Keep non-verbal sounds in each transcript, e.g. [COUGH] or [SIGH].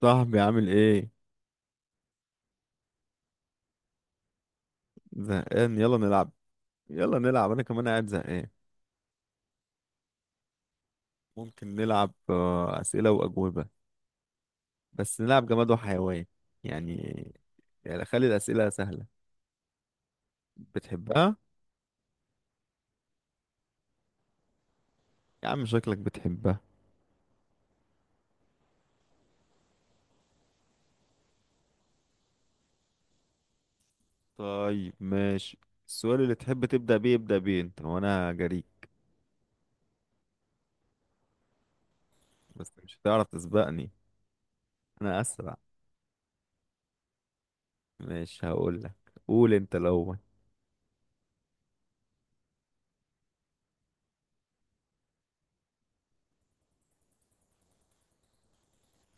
صاحبي، عامل ايه؟ زهقان، يلا نلعب. يلا نلعب، انا كمان قاعد زهقان. ممكن نلعب، اسئله واجوبه، بس نلعب جماد وحيوان. يعني يعني خلي الاسئله سهله. بتحبها؟ يا عم شكلك بتحبها. طيب ماشي، السؤال اللي تحب تبدا بيه ابدا بيه، انت وانا جريك بس مش هتعرف تسبقني. انا اسرع. ماشي هقول لك، قول انت الاول.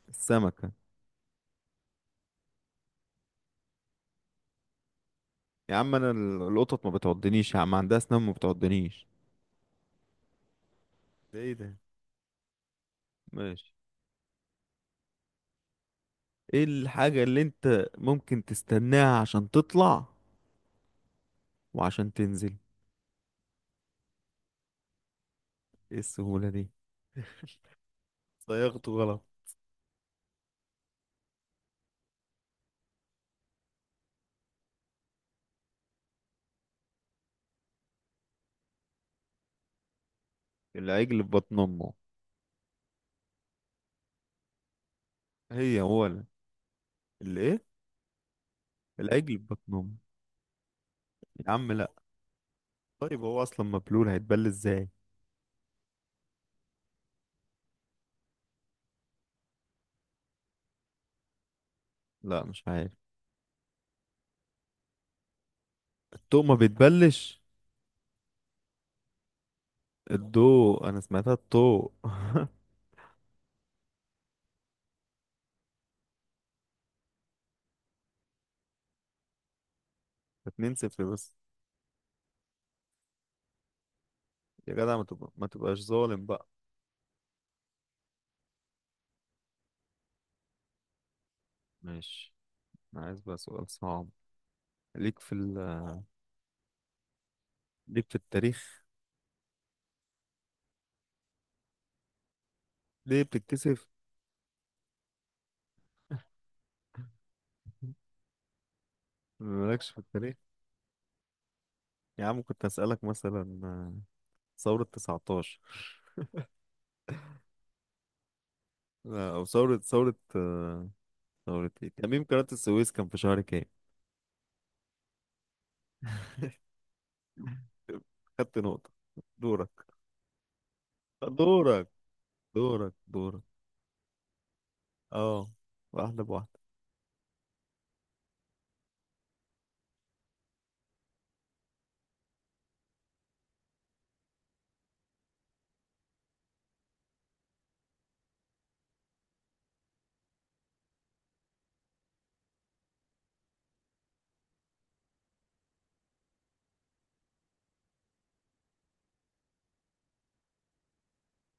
السمكه. يا عم القطط ما بتعضنيش يا عم، عندها اسنان ما بتعضنيش. ده ايه ده؟ ماشي. ايه الحاجة اللي انت ممكن تستناها عشان تطلع وعشان تنزل؟ ايه السهولة دي؟ صيغته غلط. العجل في بطن امه. هي هو ال- اللي ايه؟ العجل في بطن امه. يا عم لا. طيب هو اصلا مبلول، هيتبل ازاي؟ لا مش عارف. الضوء ما بيتبلش. الضوء انا سمعتها، الضوء. [LAUGHS] اتنين صفر بس. يا جدع ما تبقاش ظالم بقى. ماشي، انا عايز بقى سؤال صعب. ليك في ال... ليك في التاريخ. ليه بتتكسف؟ مالكش في التاريخ؟ يا عم كنت أسألك مثلا، ثورة 19، أو ثورة ثورة إيه؟ تأميم قناة السويس كان في شهر كام؟ [LAUGHS] خدت نقطة. دورك. دورك دورك اه، واحدة بواحدة.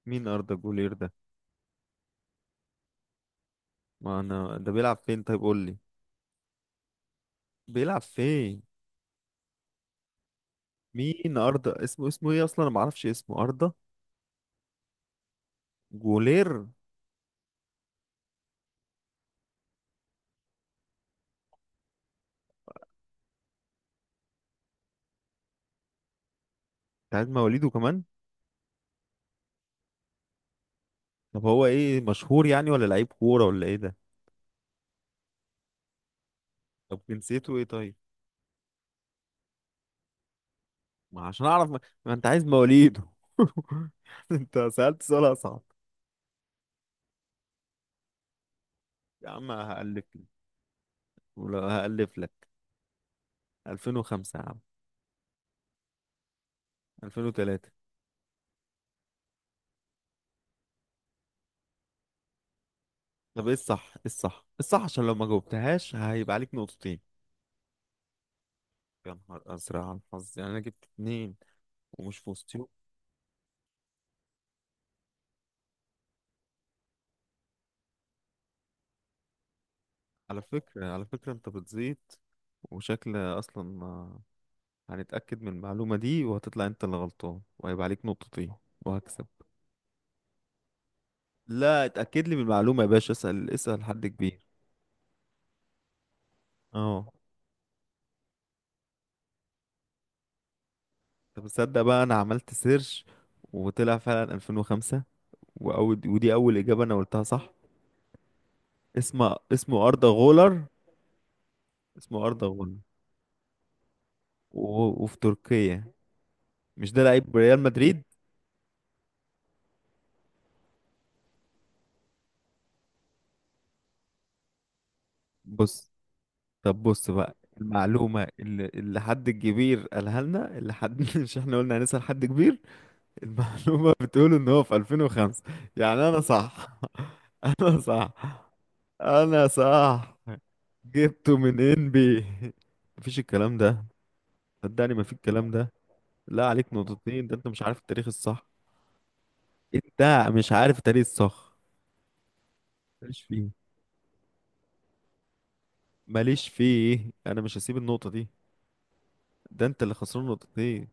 مين أردا جولير ده؟ ما أنا ده بيلعب فين؟ طيب قول لي، بيلعب فين؟ مين أردا؟ اسمه إيه أصلا؟ أنا معرفش اسمه أردا. جولير. بتاع مواليده كمان. طب هو إيه، مشهور يعني ولا لعيب كورة، ولا إيه ده؟ طب جنسيته إيه طيب؟ ما عشان اعرف، ما انت عايز مواليد. [LAUGHS] انت سألت سؤال اصعب. يا عم هألف لك، ولو هألف لك، 2005 يا عم، 2003. طب ايه الصح، ايه الصح، إيه الصح، عشان لو ما جاوبتهاش هيبقى عليك نقطتين. يا نهار ازرق على الحظ يعني، انا جبت اتنين ومش في وسطيهم. على فكرة، على فكرة انت بتزيد وشكل اصلا، هنتأكد من المعلومة دي وهتطلع انت اللي غلطان، وهيبقى عليك نقطتين وهكسب. لا، اتأكد لي من المعلومة يا باشا، اسأل اسأل حد كبير. اه. طب تصدق بقى، انا عملت سيرش وطلع فعلا 2005، واول، ودي اول اجابه انا قلتها صح. اسمه اردا غولر. اسمه اردا غولر. وفي تركيا، مش ده لعيب ريال مدريد؟ بص، طب بص بقى، المعلومه اللي حد كبير قالها لنا، اللي حد [LAUGHS] مش احنا قلنا هنسأل حد كبير؟ المعلومه بتقول ان هو في 2005، يعني انا صح. [LAUGHS] انا صح، انا صح. جبته من ان بي، مفيش الكلام ده. صدقني ما في الكلام ده. لا، عليك نقطتين، ده انت مش عارف التاريخ الصح. انت مش عارف التاريخ الصح. ماليش فيه، ماليش فيه، انا مش هسيب النقطة دي. ده انت اللي خسران نقطتين.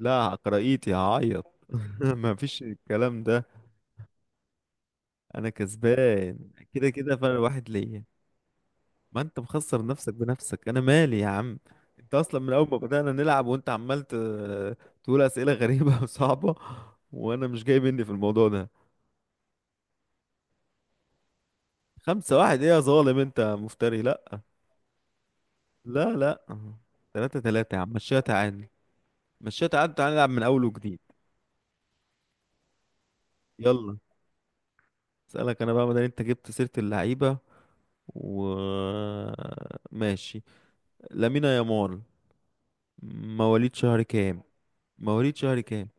لا، قرايتي هعيط. [LAUGHS] ما فيش الكلام ده. انا كسبان كده كده، فرق واحد ليا. ما انت مخسر نفسك بنفسك، انا مالي يا عم. انت اصلا من اول ما بدأنا نلعب وانت عمال تقول اسئلة غريبة [LAUGHS] وصعبة، وانا مش جاي مني في الموضوع ده. خمسة واحد ايه يا ظالم، انت مفتري. لا، لا، لا، تلاتة تلاتة يا عم، مشيها تعادل. مشيها تعادل، تعالى نلعب من أول وجديد. يلا. اسألك أنا بقى، مادام أنت جبت سيرة اللعيبة و... ماشي. لامين يامال مواليد شهر كام؟ مواليد شهر كام؟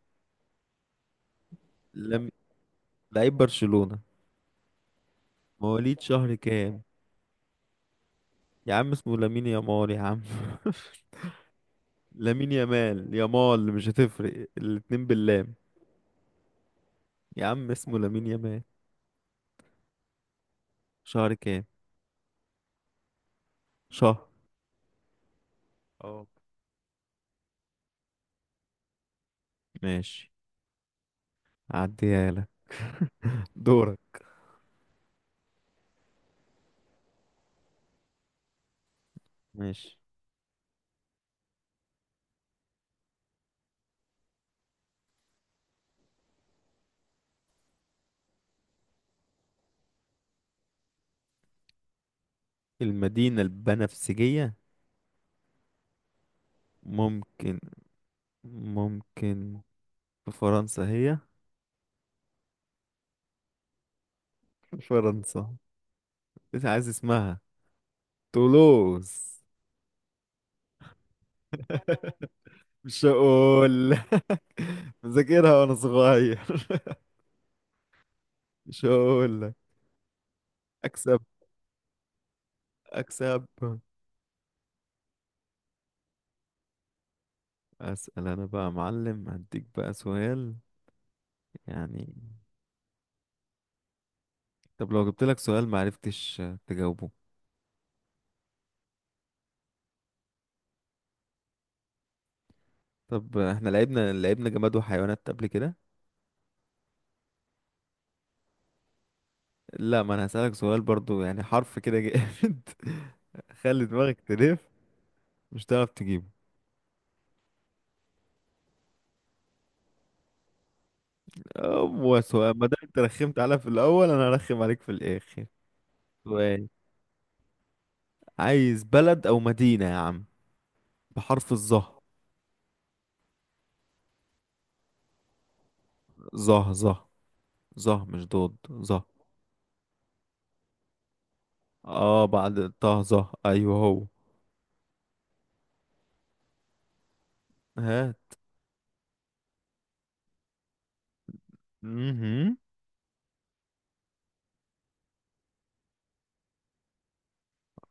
لم... لعيب برشلونة. مواليد شهر كام؟ يا عم اسمه لامين يامال يا عم. [LAUGHS] لامين يامال مش هتفرق، الاتنين باللام. يا عم اسمه لامين يامال. شهر كام؟ شهر. اه. ماشي، هعديها لك. دورك. ماشي، المدينة البنفسجية. ممكن ممكن في فرنسا هي؟ [LAUGHS] فرنسا. انت عايز اسمها؟ تولوز. [LAUGHS] مش هقول لك. [LAUGHS] مذاكرها وانا صغير. [LAUGHS] مش هقول لك. اكسب. اكسب. اسال انا بقى يا معلم، هديك بقى سؤال يعني. طب لو جبت لك سؤال ما عرفتش تجاوبه؟ طب احنا لعبنا جماد وحيوانات قبل كده. لا، ما انا هسألك سؤال برضو، يعني حرف كده جامد. [LAUGHS] خلي دماغك تلف، مش هتعرف تجيبه. هو سؤال، ما دام انت رخمت عليا في الاول، انا هرخم عليك في الاخر. سؤال، عايز بلد او مدينة يا عم بحرف الظه. ظه ظه، ظه مش ضاد، ظه. اه بعد طه ظه، ايوه هو. ها. امم.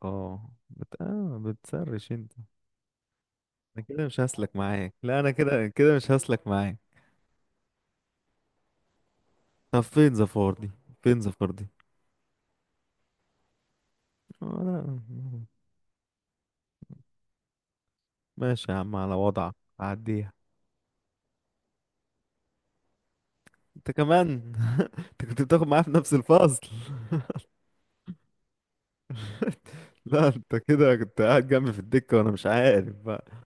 اه بتسرش انت؟ انا كده مش هسلك معاك، لا انا كده كده مش هسلك معاك. طب فين زفار دي؟ فين زفار دي؟ آه، لا. ماشي يا عم على وضعك، عديها. انت كمان. [LAUGHS] انت كنت بتاخد معايا في نفس الفصل. [LAUGHS] لا انت كده كنت قاعد جنبي في الدكة، وانا مش عارف بقى.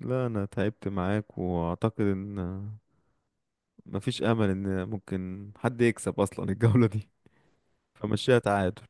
لا انا تعبت معاك، واعتقد ان مفيش امل ان ممكن حد يكسب اصلا الجولة دي، فمشيها تعادل.